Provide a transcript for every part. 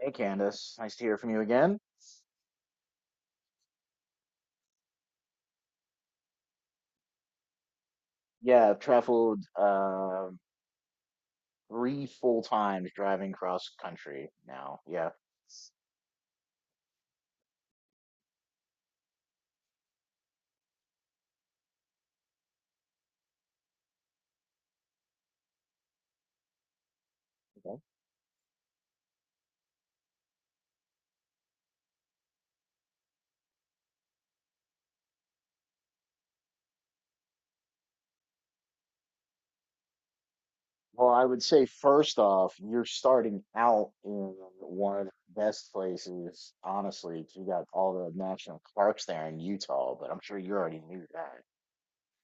Hey, Candace. Nice to hear from you again. Yeah, I've traveled three full times driving cross country now. Yeah. Okay. Well, I would say first off, you're starting out in one of the best places, honestly. 'Cause you got all the national parks there in Utah, but I'm sure you already knew that.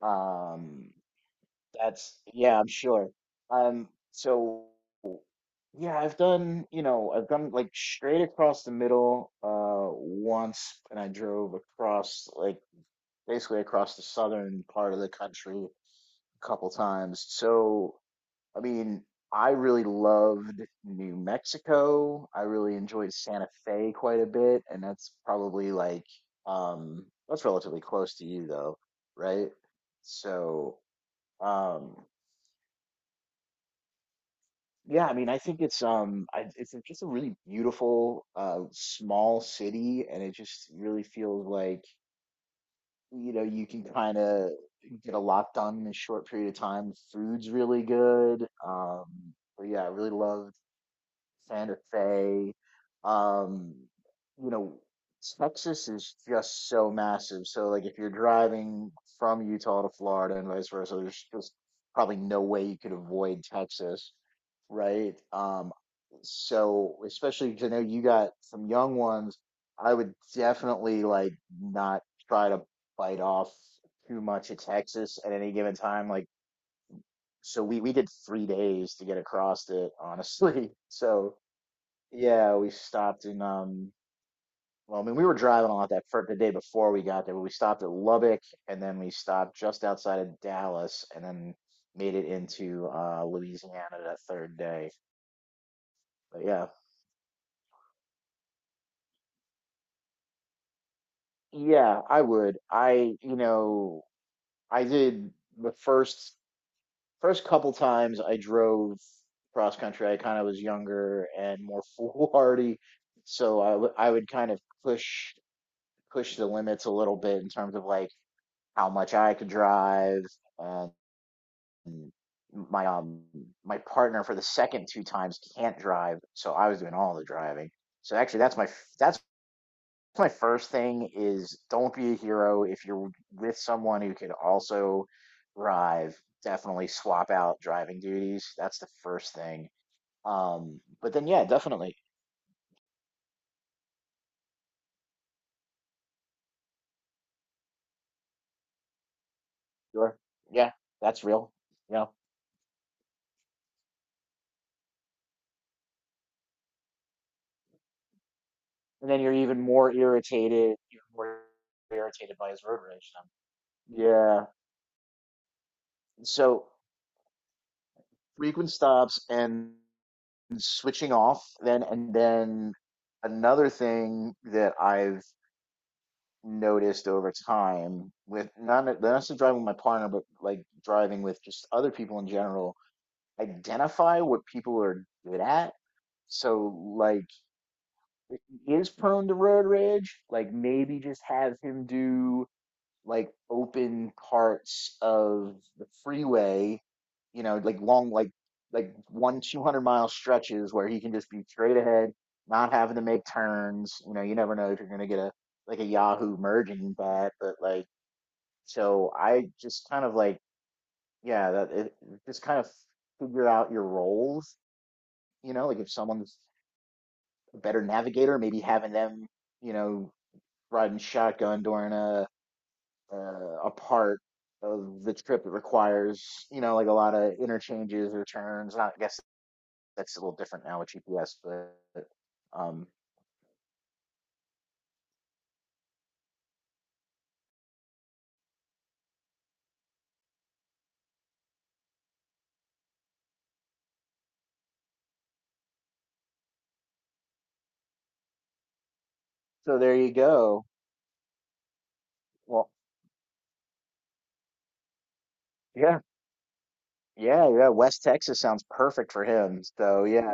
Um, that's yeah, I'm sure. Um, so. Yeah, I've done, you know, I've done like straight across the middle once, and I drove across like basically across the southern part of the country a couple times. So, I mean, I really loved New Mexico. I really enjoyed Santa Fe quite a bit, and that's probably like that's relatively close to you though, right? So, um yeah, I mean, I think it's it's just a really beautiful, small city, and it just really feels like, you know, you can kind of get a lot done in a short period of time. Food's really good. But yeah, I really loved Santa Fe. Um, you know, Texas is just so massive. So like if you're driving from Utah to Florida and vice versa, there's just probably no way you could avoid Texas, right? So especially 'cause I know you got some young ones, I would definitely like not try to bite off too much of Texas at any given time. Like so we did 3 days to get across it, honestly. So yeah, we stopped in well, I mean we were driving a lot that for the day before we got there, but we stopped at Lubbock and then we stopped just outside of Dallas and then made it into Louisiana that third day. But yeah. Yeah, I would. I did the first couple times I drove cross country. I kind of was younger and more foolhardy, so I would kind of push the limits a little bit in terms of like how much I could drive. And my my partner for the second two times can't drive, so I was doing all the driving. So actually, that's my first thing is don't be a hero if you're with someone who could also drive. Definitely swap out driving duties. That's the first thing. But then yeah, definitely sure. Yeah, that's real. You know, and then you're even more irritated by his road rage. Then yeah, so frequent stops and switching off then, and then another thing that I've noticed over time with not necessarily driving with my partner, but like driving with just other people in general, identify what people are good at. So like if he is prone to road rage, like maybe just have him do like open parts of the freeway, you know, like long, like one 200-mile stretches where he can just be straight ahead, not having to make turns. You know, you never know if you're gonna get a like a Yahoo merging bat, but like so I just kind of like yeah, just kind of figure out your roles. You know, like if someone's a better navigator, maybe having them, you know, riding shotgun during a part of the trip that requires, you know, like a lot of interchanges or turns. I guess that's a little different now with GPS, but um, so there you go. Well, yeah, yeah. West Texas sounds perfect for him. So yeah,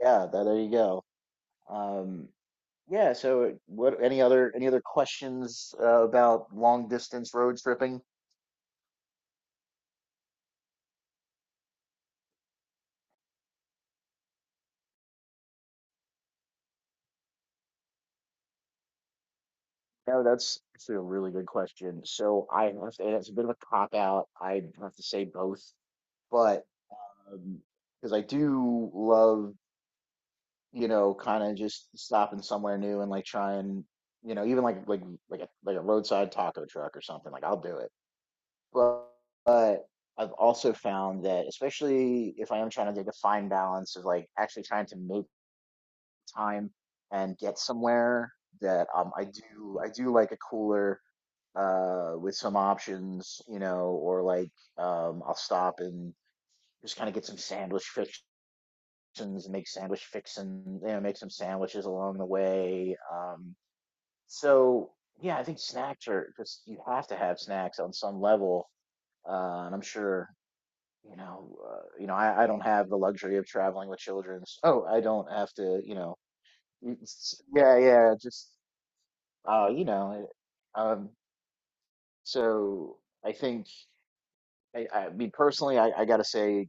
yeah. There you go. Um, yeah. So what? Any other questions about long distance road tripping? No, that's actually a really good question. So I have to, and it's a bit of a cop out. I have to say both, but because I do love, you know, kind of just stopping somewhere new and like trying, you know, even like like a roadside taco truck or something. Like I'll do it. But but I've also found that especially if I am trying to take a fine balance of like actually trying to make time and get somewhere that I do like a cooler with some options, you know, or like I'll stop and just kind of get some sandwich and make sandwich fixin', you know, make some sandwiches along the way. So yeah, I think snacks are just you have to have snacks on some level. And I'm sure you know, I don't have the luxury of traveling with children. Oh, I don't have to, you know, it's- yeah, yeah, just uh, you know, uh, um, so I think I mean personally, I gotta say,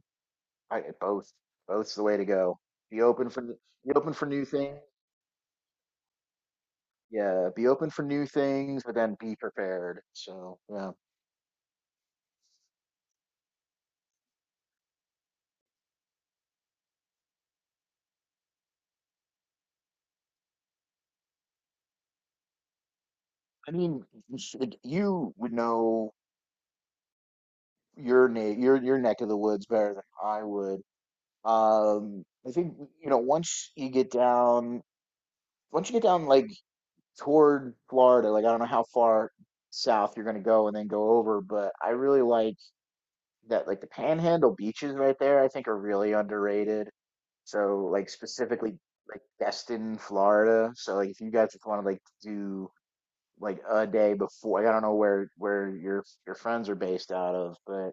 I both both's the way to go. Be open for be open for new things. Yeah, be open for new things, but then be prepared. So, yeah. I mean, you would know your na your neck of the woods better than I would. I think you know once you get down like toward Florida, like I don't know how far south you're gonna go and then go over, but I really like that like the Panhandle beaches right there, I think are really underrated. So like specifically like Destin, Florida. So like if you guys just want to like do like a day before. Like, I don't know where your friends are based out of, but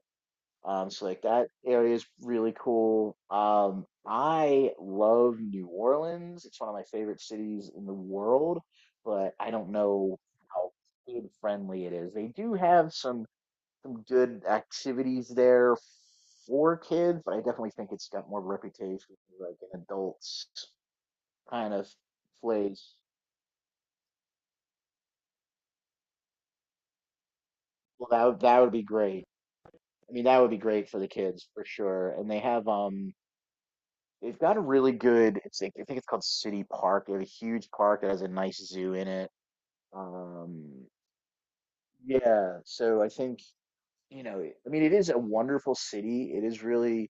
so like that area is really cool. I love New Orleans. It's one of my favorite cities in the world, but I don't know how kid friendly it is. They do have some good activities there for kids, but I definitely think it's got more of a reputation for like an adults kind of place. That would be great. I mean, that would be great for the kids for sure. And they have they've got a really good it's like- I think it's called City Park. They have a huge park that has a nice zoo in it. Um yeah, so I think, you know, I mean it is a wonderful city. It is really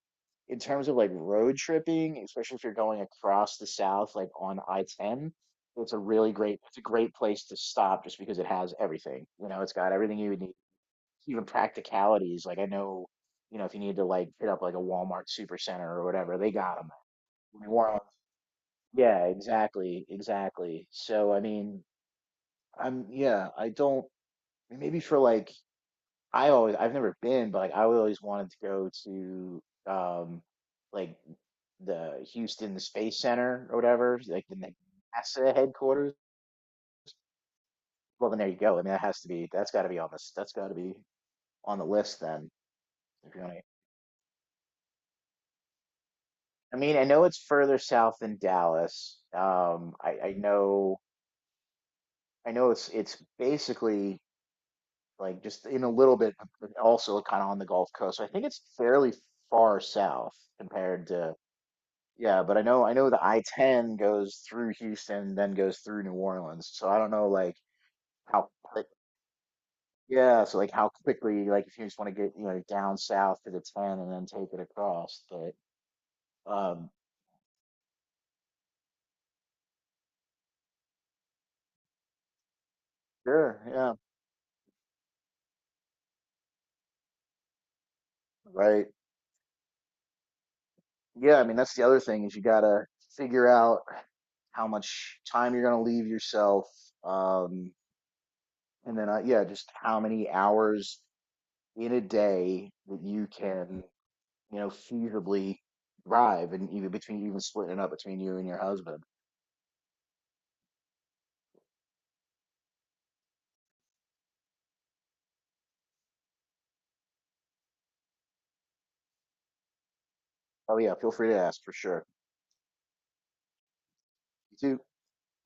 In terms of like road tripping, especially if you're going across the south like on I-10, it's a really great it's a great place to stop just because it has everything. You know, it's got everything you would need, even practicalities. Like I know, you know, if you need to like hit up like a Walmart Supercenter or whatever, they got them. We want. Yeah, exactly, exactly. So I mean, I'm yeah, I don't maybe for like I've never been, but like I always wanted to go to like the Houston Space Center or whatever, like the NASA headquarters. Well, then there you go. I mean, that's got to be on the list then. If you're gonna. I mean, I know it's further south than Dallas. I know it's basically like just in a little bit, but also kind of on the Gulf Coast. So I think it's fairly far south compared to, yeah. But I know the I-10 goes through Houston, then goes through New Orleans. So I don't know, like how quick, yeah. So like how quickly, like if you just want to get, you know, down south to the 10 and then take it across. But um, sure, yeah, right. Yeah, I mean that's the other thing is you gotta figure out how much time you're gonna leave yourself, um, and then yeah, just how many hours in a day that you can, you know, feasibly drive, and even between even splitting it up between you and your husband. Oh yeah, feel free to ask for sure. You too.